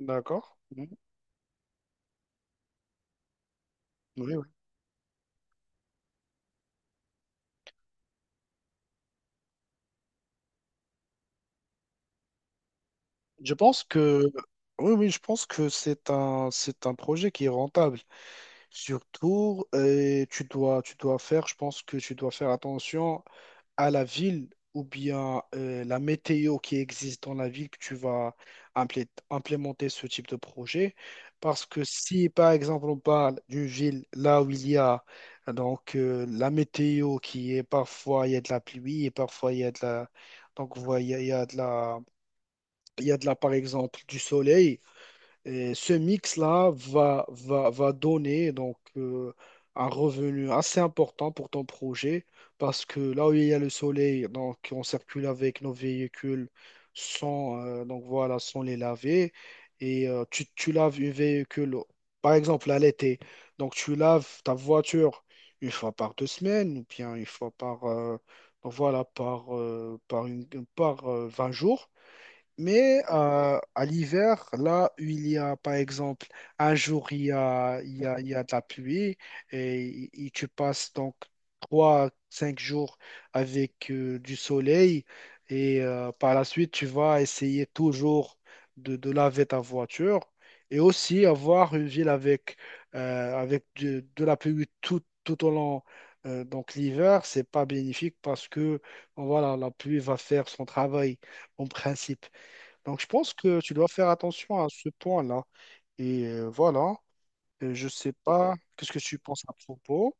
D'accord. Mm. Oui, oui. Je pense que oui, oui, je pense que c'est un projet qui est rentable. Surtout, je pense que tu dois faire attention à la ville ou bien la météo qui existe dans la ville que tu vas implémenter ce type de projet. Parce que si, par exemple, on parle d'une ville là où il y a la météo qui est parfois il y a de la pluie et parfois il y a de la donc voilà, il y a de la il y a de là, par exemple, du soleil. Et ce mix-là va donner un revenu assez important pour ton projet parce que là où il y a le soleil, donc, on circule avec nos véhicules sans, donc, voilà, sans les laver. Et tu laves un véhicule, par exemple, à l'été. Donc, tu laves ta voiture une fois par deux semaines ou bien une fois par, donc, voilà, par, par, une, par 20 jours. Mais à l'hiver, là où il y a, par exemple, un jour, il y a de la pluie et tu passes donc trois, cinq jours avec du soleil et par la suite, tu vas essayer toujours de laver ta voiture et aussi avoir une ville avec, avec de la pluie tout, tout au long. Donc l'hiver, c'est pas bénéfique parce que voilà, la pluie va faire son travail en principe. Donc, je pense que tu dois faire attention à ce point-là. Et voilà. Je sais pas qu'est-ce que tu penses à propos.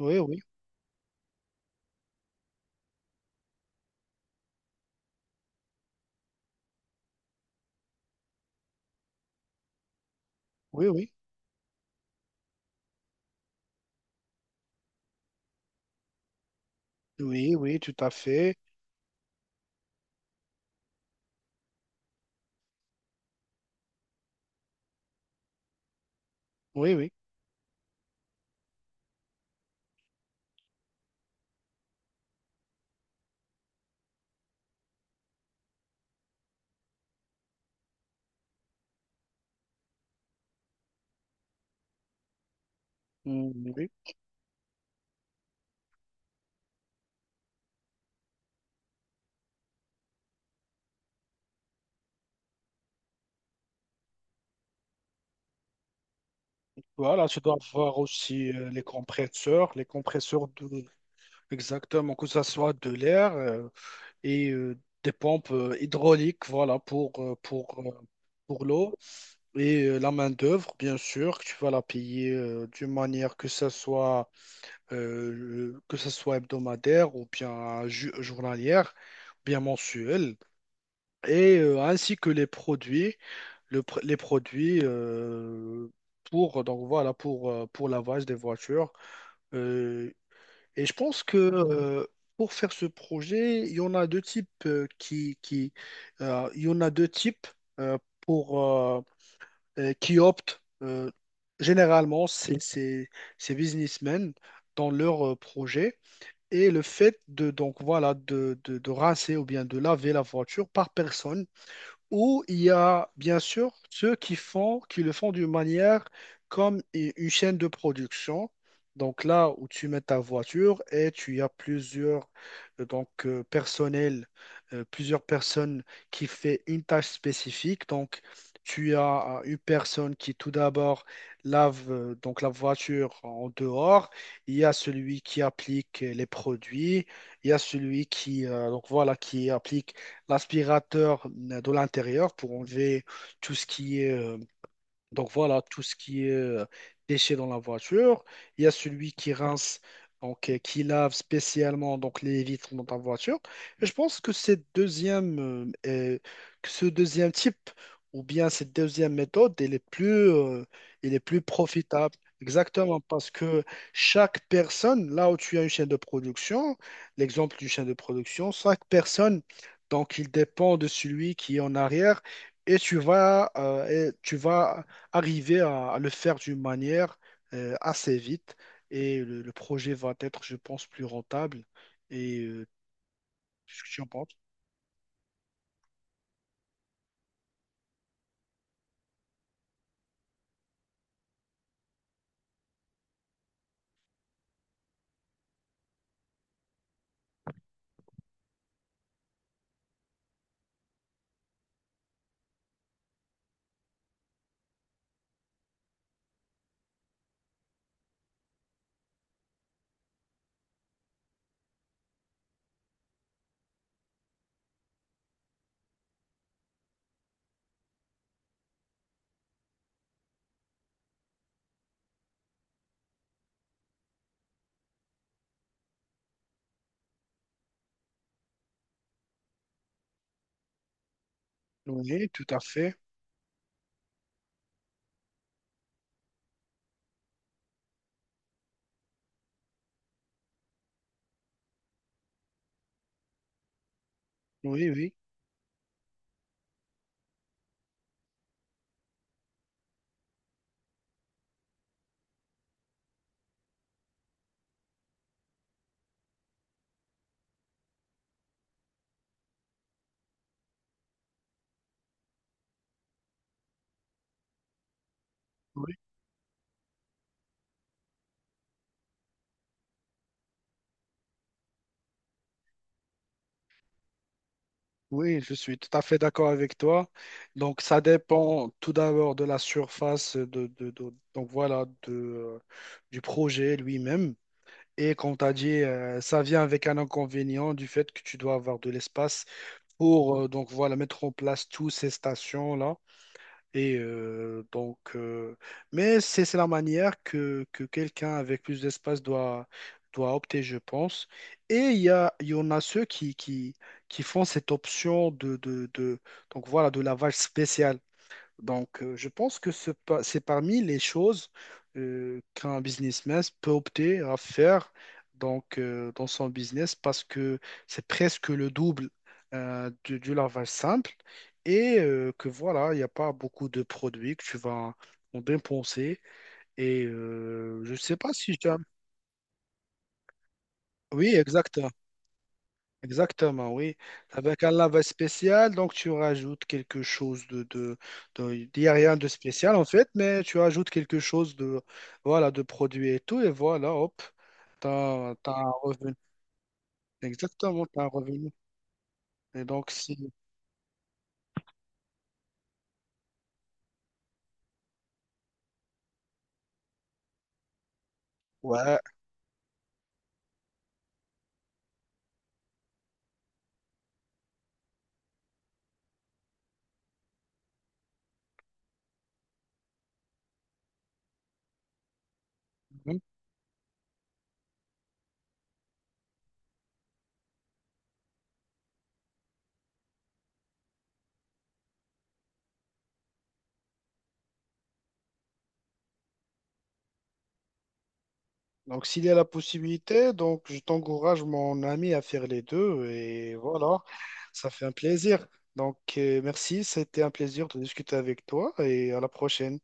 Oui, oui, oui, oui, oui, oui, tout à fait. Oui, oui. Mm, oui. Voilà, tu dois avoir aussi les compresseurs de, exactement, que ça soit de l'air. Et euh, des pompes hydrauliques, voilà, pour l'eau. Et la main-d'œuvre, bien sûr, que tu vas la payer d'une manière que ce soit, que ça soit hebdomadaire ou bien journalière, ou bien mensuelle. Et ainsi que les produits, les produits pour, donc voilà, pour lavage des voitures. Euh, et je pense que pour faire ce projet, il y en a deux types qui il y en a deux types pour qui optent généralement c'est ces businessmen dans leur projet et le fait de donc voilà de rincer ou bien de laver la voiture par personne ou il y a bien sûr ceux qui font, qui le font d'une manière comme une chaîne de production. Donc là où tu mets ta voiture et tu as plusieurs personnels, plusieurs personnes qui fait une tâche spécifique. Donc tu as une personne qui tout d'abord lave donc la voiture en dehors. Il y a celui qui applique les produits. Il y a celui qui donc voilà qui applique l'aspirateur de l'intérieur pour enlever tout ce qui est donc voilà, tout ce qui est déchets dans la voiture. Il y a celui qui rince, qui lave spécialement donc les vitres dans ta voiture. Et je pense que cette deuxième, que ce deuxième type ou bien cette deuxième méthode, elle est plus profitable. Exactement, parce que chaque personne, là où tu as une chaîne de production, l'exemple d'une chaîne de production, chaque personne, donc il dépend de celui qui est en arrière et tu vas arriver à le faire d'une manière assez vite et le projet va être, je pense, plus rentable. Et qu'est-ce que tu en penses? Oui, tout à fait. Oui, oui, oui, oui, je suis tout à fait d'accord avec toi. Donc, ça dépend tout d'abord de la surface, de, donc voilà, de, du projet lui-même. Et comme tu as dit, ça vient avec un inconvénient du fait que tu dois avoir de l'espace pour donc voilà, mettre en place toutes ces stations-là. Et mais c'est la manière que quelqu'un avec plus d'espace doit, doit opter, je pense. Et il y a, il y en a ceux qui font cette option de, donc voilà, de lavage spécial. Donc, je pense que c'est parmi les choses qu'un businessman peut opter à faire donc, dans son business parce que c'est presque le double du lavage simple et que voilà, il n'y a pas beaucoup de produits que tu vas en dépenser. Et je ne sais pas si tu as... Oui, exact. Exactement, oui. Avec un lavage spécial, donc tu rajoutes quelque chose de, il n'y a rien de spécial en fait, mais tu rajoutes quelque chose de, voilà, de produit et tout, et voilà, hop, t'as un revenu. Exactement, t'as un revenu. Et donc, si, ouais. Mhm. Donc, s'il y a la possibilité, donc, je t'encourage, mon ami, à faire les deux, et voilà, ça fait un plaisir. Donc, merci, c'était un plaisir de discuter avec toi, et à la prochaine.